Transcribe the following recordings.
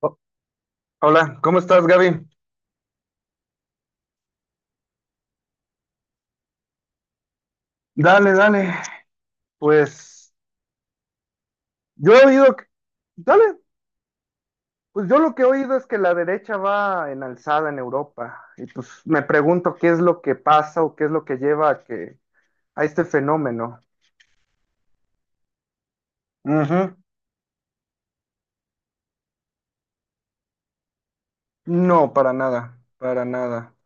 Ho- Hola, ¿cómo estás, Gaby? Dale, dale. Pues yo he oído, que- dale, pues yo lo que he oído es que la derecha va en alzada en Europa. Y pues me pregunto qué es lo que pasa o qué es lo que lleva a que a este fenómeno. Ujú. No, para nada, para nada.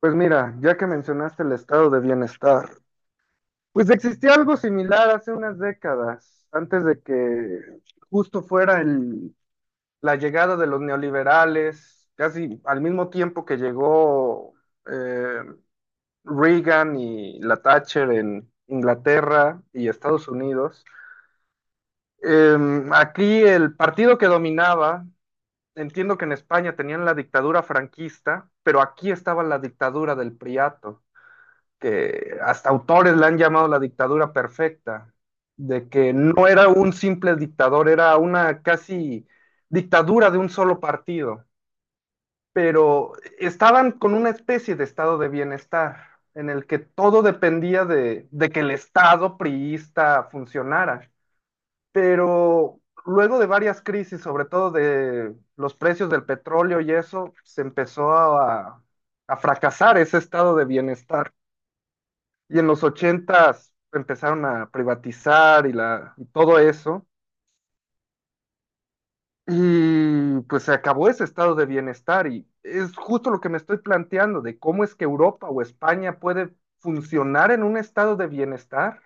Pues mira, ya que mencionaste el estado de bienestar, pues existía algo similar hace unas décadas, antes de que justo fuera el la llegada de los neoliberales, casi al mismo tiempo que llegó eh, Reagan y la Thatcher en Inglaterra y Estados Unidos. Aquí el partido que dominaba, entiendo que en España tenían la dictadura franquista, pero aquí estaba la dictadura del Priato, que hasta autores la han llamado la dictadura perfecta, de que no era un simple dictador, era una casi dictadura de un solo partido pero estaban con una especie de estado de bienestar en el que todo dependía de que el estado priista funcionara. Pero luego de varias crisis, sobre todo de los precios del petróleo y eso, a fracasar ese estado de bienestar. Y en los ochentas empezaron a privatizar y todo eso. Y pues se acabó ese estado de bienestar y es justo lo que me estoy planteando de cómo es que Europa o España puede funcionar en un estado de bienestar.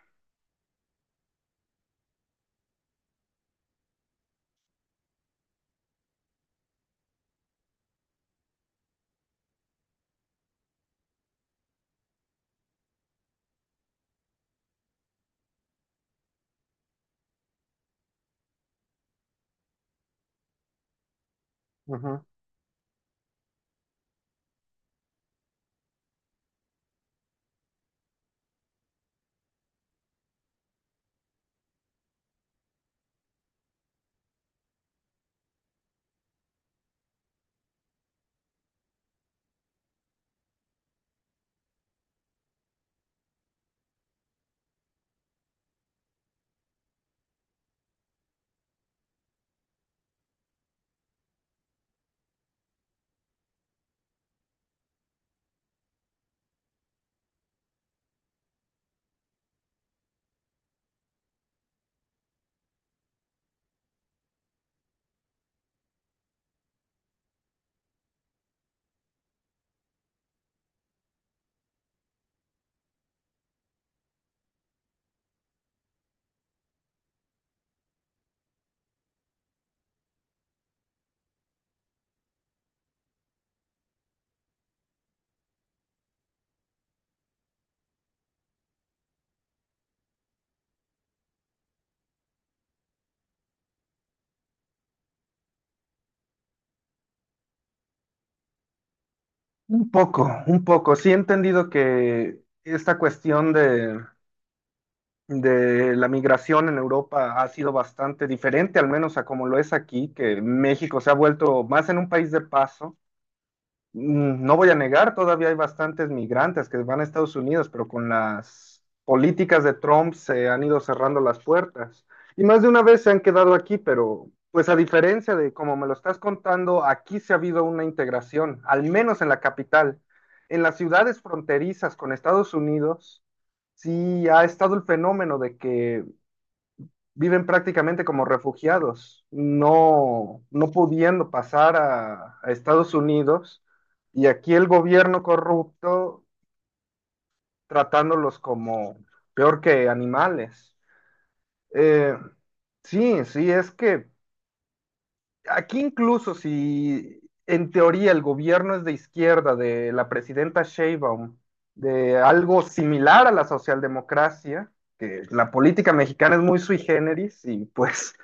Ujú. Un poco, un poco. Sí he entendido que esta de la migración en Europa ha sido bastante diferente, al menos a como lo es aquí, que México se ha vuelto más en un país de paso mm, no voy a negar, todavía hay bastantes migrantes que van a Estados Unidos, pero con las políticas de Trump se han ido cerrando las puertas. Y más de una vez se han quedado aquí, pero pues a diferencia de como me lo estás contando, aquí se ha habido una integración, al menos en la capital. En las ciudades fronterizas con Estados Unidos, sí ha estado el fenómeno de que viven prácticamente como refugiados, no pudiendo pasar a Estados Unidos y aquí el gobierno corrupto tratándolos como peor que animales. Eh, sí, sí, es que aquí incluso si en teoría el gobierno es de izquierda, de la presidenta Sheinbaum, de algo similar a la socialdemocracia, que la política mexicana es muy sui generis y pues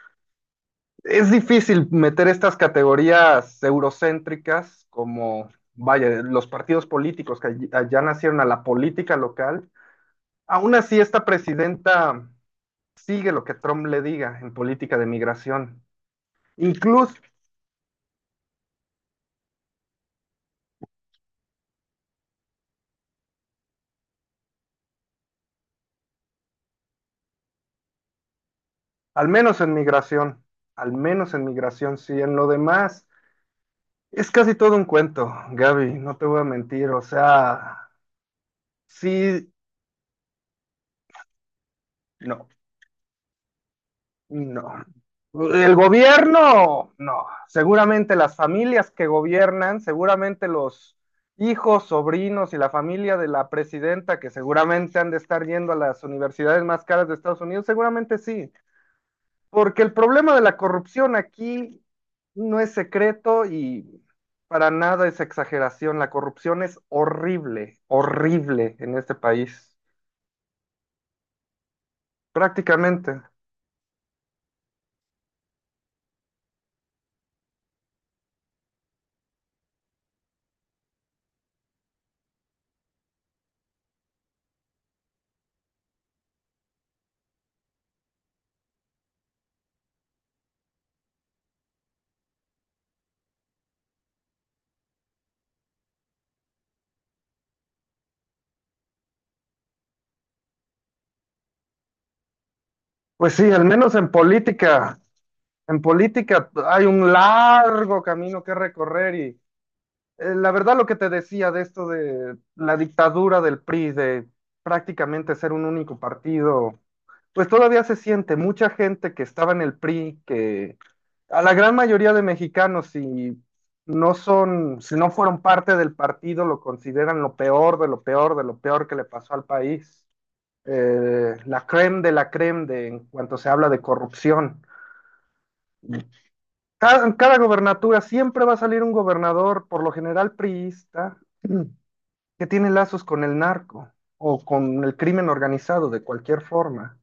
es difícil meter estas categorías eurocéntricas como, vaya, los partidos políticos que allá nacieron a la política local. Aún así, esta presidenta sigue lo que Trump le diga en política de migración. Incluso, al menos en migración, al menos en migración, sí, en lo demás. Es casi todo un cuento, Gaby, no te voy a mentir. O sea, sí, no. No. El gobierno, no. Seguramente las familias que gobiernan, seguramente los hijos, sobrinos y la familia de la presidenta, que seguramente han de estar yendo a las universidades más caras de Estados Unidos, seguramente sí. Porque el problema de la corrupción aquí no es secreto y para nada es exageración. La corrupción es horrible, horrible en este país. Prácticamente. Pues sí, al menos en política. En política hay un largo camino que recorrer y la verdad lo que te decía de esto de la dictadura del PRI, de prácticamente ser un único partido, pues todavía se siente mucha gente que estaba en el PRI, que a la gran mayoría de mexicanos si no son, si no fueron parte del partido, lo consideran lo peor de lo peor de lo peor que le pasó al país. La creme de en cuanto se habla de corrupción. En cada gobernatura siempre va a salir un gobernador, por lo general priista, que tiene lazos con el narco o con el crimen organizado de cualquier forma.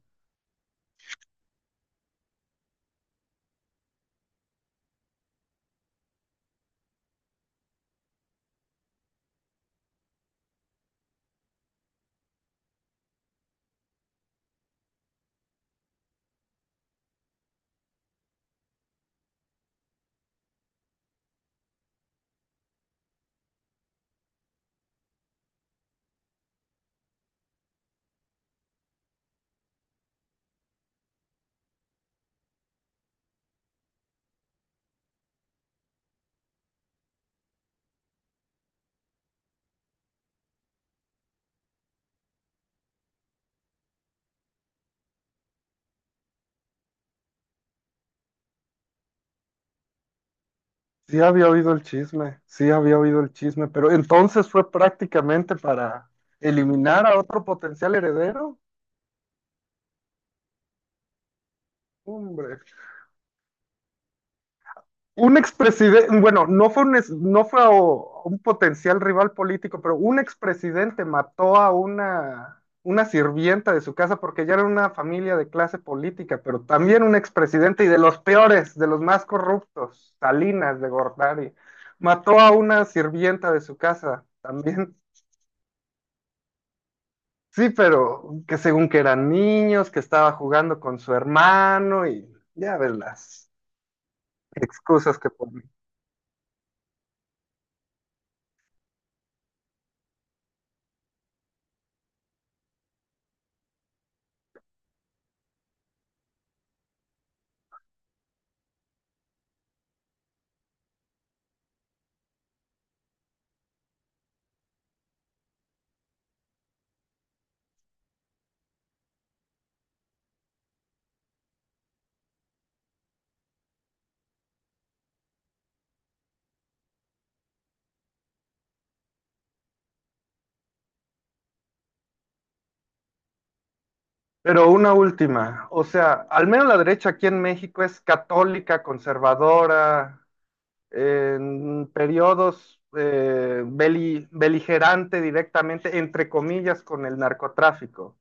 Sí había oído el chisme, sí había oído el chisme, pero entonces fue prácticamente para eliminar a otro potencial heredero. Hombre. Un expresidente, bueno, no fue un, es- no fue a- un potencial rival político, pero un expresidente mató a una sirvienta de su casa porque ya era una familia de clase política, pero también un expresidente y de los peores, de los más corruptos, Salinas de Gortari, mató a una sirvienta de su casa también. Sí, pero que según que eran niños, que estaba jugando con su hermano y ya ves las excusas que ponen. Pero una última, o sea, al menos la derecha aquí en México es católica, conservadora, en periodos beligerante directamente, entre comillas, con el narcotráfico.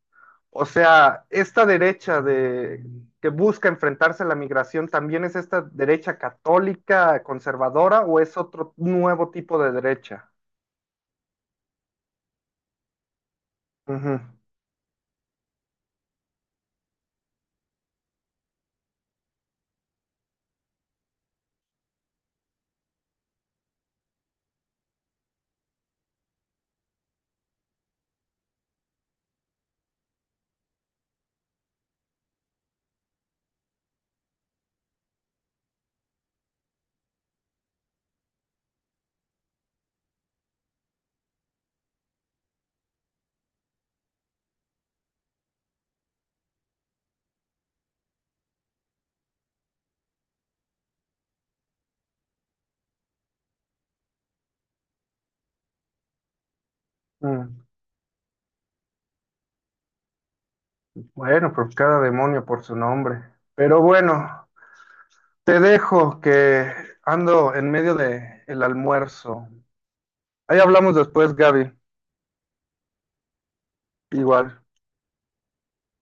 O sea, que busca enfrentarse a la migración, ¿también es esta derecha católica, conservadora o es otro nuevo tipo de derecha? Ujú, mm. Bueno, pues cada demonio por su nombre. Pero bueno, te dejo que ando en medio de el almuerzo. Ahí hablamos después, Gaby. Igual.